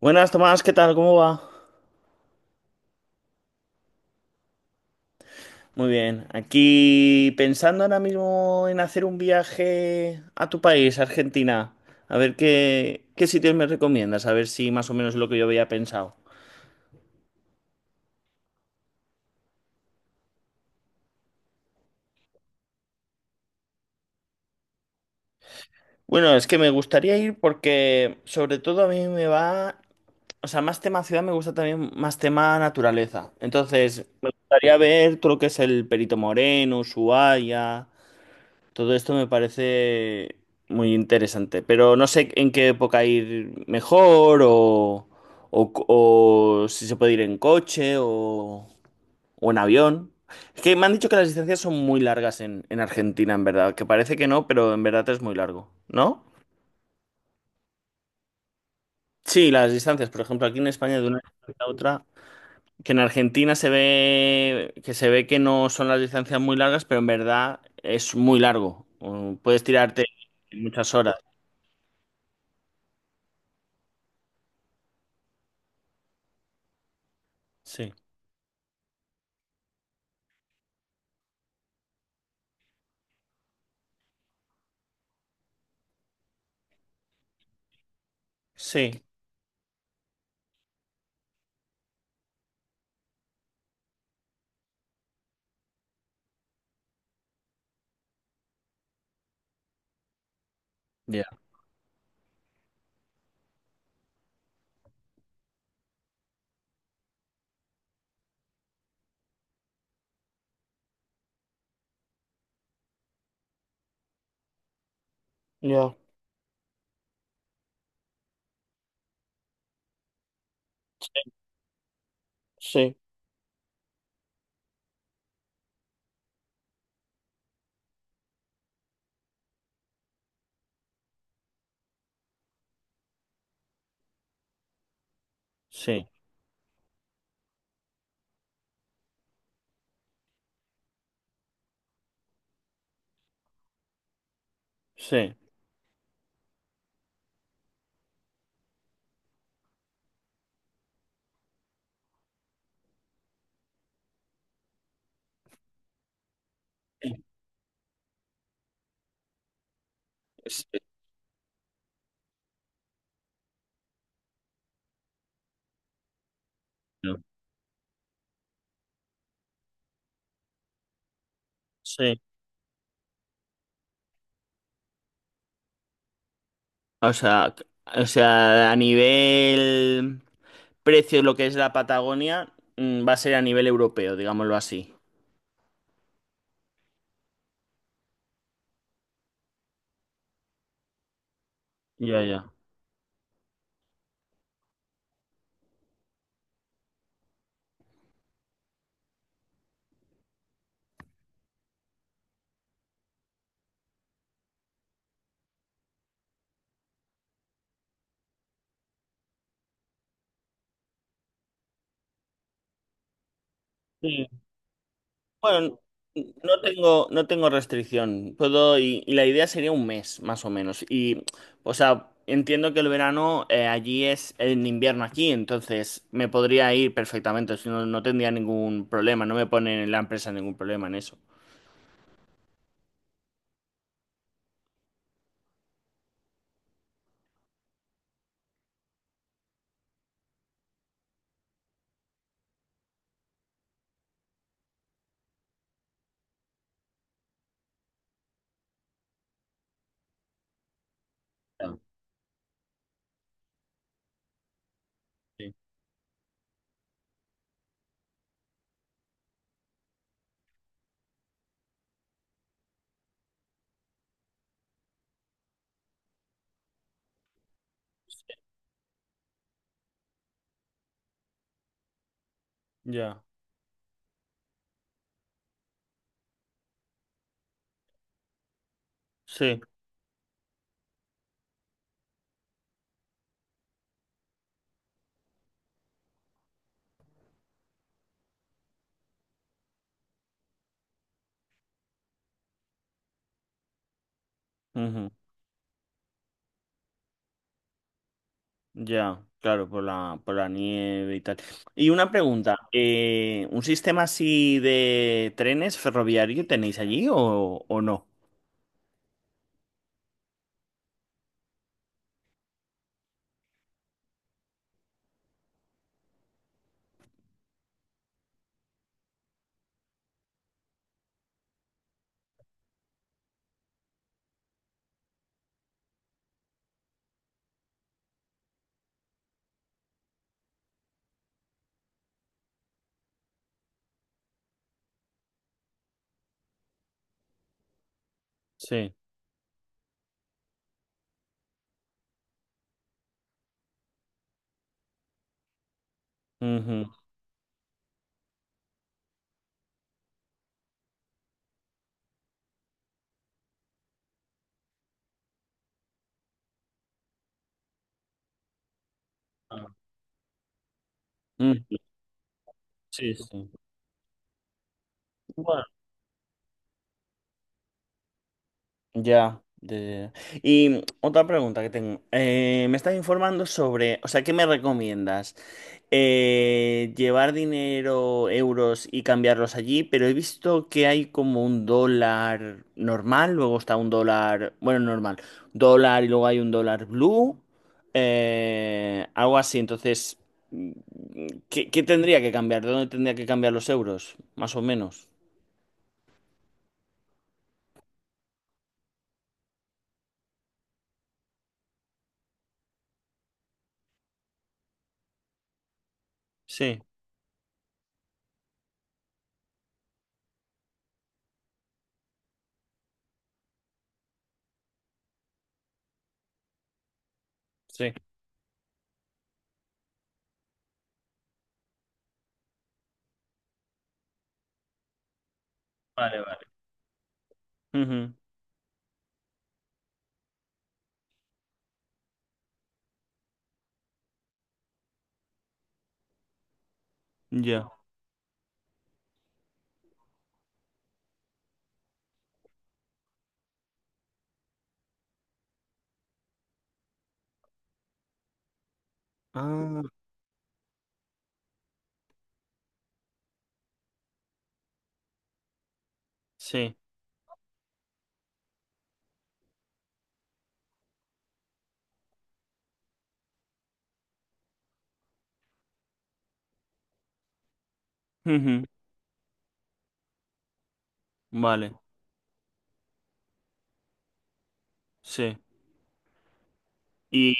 Buenas, Tomás, ¿qué tal? ¿Cómo va? Muy bien. Aquí pensando ahora mismo en hacer un viaje a tu país, Argentina. A ver qué sitios me recomiendas, a ver si más o menos es lo que yo había pensado. Bueno, es que me gustaría ir porque sobre todo a mí me va, o sea, más tema ciudad, me gusta también más tema naturaleza. Entonces, me gustaría ver todo lo que es el Perito Moreno, Ushuaia. Todo esto me parece muy interesante, pero no sé en qué época ir mejor o, o si se puede ir en coche o en avión. Es que me han dicho que las distancias son muy largas en Argentina, en verdad, que parece que no, pero en verdad es muy largo, ¿no? Sí, las distancias, por ejemplo, aquí en España de una distancia a otra, que en Argentina se ve que no son las distancias muy largas, pero en verdad es muy largo. Puedes tirarte muchas horas. Sí. Sí, ya, ya, sí, sí, sí. Sí, no, sí. O sea, o sea, a nivel precio, lo que es la Patagonia, mm, va a ser a nivel europeo, digámoslo así. Ya, ya. Bueno, no tengo restricción. Puedo, y la idea sería un mes, más o menos. Y o sea, entiendo que el verano, allí es en invierno aquí, entonces me podría ir perfectamente. Si No, no tendría ningún problema. No me ponen en la empresa ningún problema en eso. Ah. Sí. Ya, sí, ujú. Ya, claro, por la nieve y tal. Y una pregunta, ¿un sistema así de trenes ferroviario tenéis allí o no? Sí. Ujú. Mm, sí, sí. Bueno. Ya, ya, ya, ya. Y, mm, otra pregunta que tengo. Me estás informando sobre, o sea, ¿qué me recomiendas? Llevar dinero, euros y cambiarlos allí, pero he visto que hay como un dólar normal, luego está un dólar, bueno, normal, dólar, y luego hay un dólar blue, algo así. Entonces, mm, ¿qué tendría que cambiar? ¿De dónde tendría que cambiar los euros? Más o menos. Sí, sí. Vale, vale. Ujú. Ya. Ah, sí. Ujú. Vale, sí. Y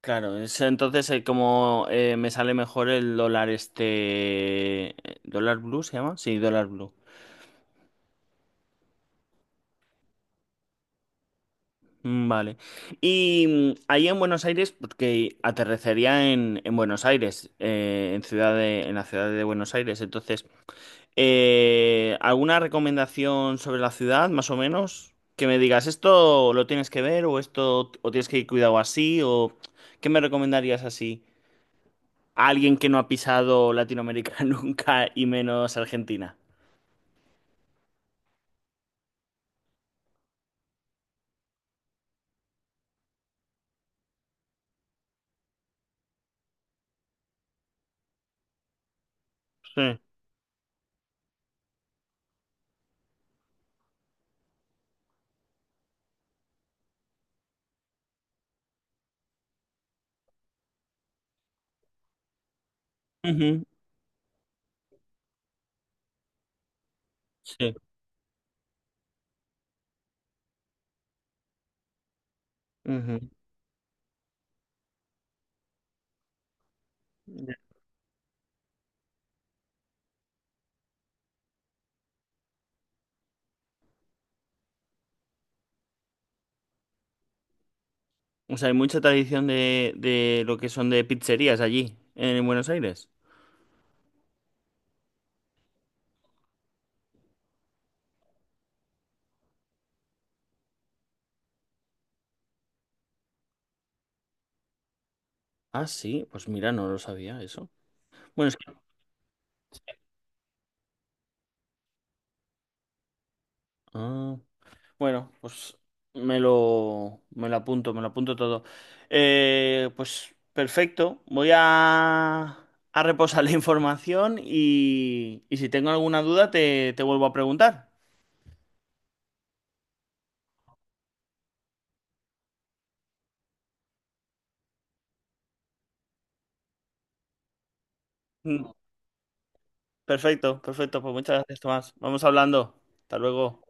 claro, es entonces, como, me sale mejor el dólar este... ¿Dólar blue se llama? Sí, dólar blue. Mm. Vale. Y, mm, ahí en Buenos Aires, porque aterrecería en Buenos Aires, en en la ciudad de Buenos Aires. Entonces, eh, ¿alguna recomendación sobre la ciudad, más o menos? Que me digas, esto lo tienes que ver, o esto, o tienes que ir cuidado así, o ¿qué me recomendarías así? A alguien que no ha pisado Latinoamérica nunca y menos Argentina. Sí. Ujú. Sí. Ujú. Ya. O sea, hay mucha tradición de lo que son de pizzerías allí, en Buenos Aires. Ah, sí, pues mira, no lo sabía eso. Bueno, es que... ah. Bueno, pues me lo apunto, me lo apunto todo. Pues perfecto, voy a reposar la información y si tengo alguna duda, te vuelvo a preguntar. Mm. Perfecto, perfecto, pues muchas gracias, Tomás. Vamos hablando. Hasta luego.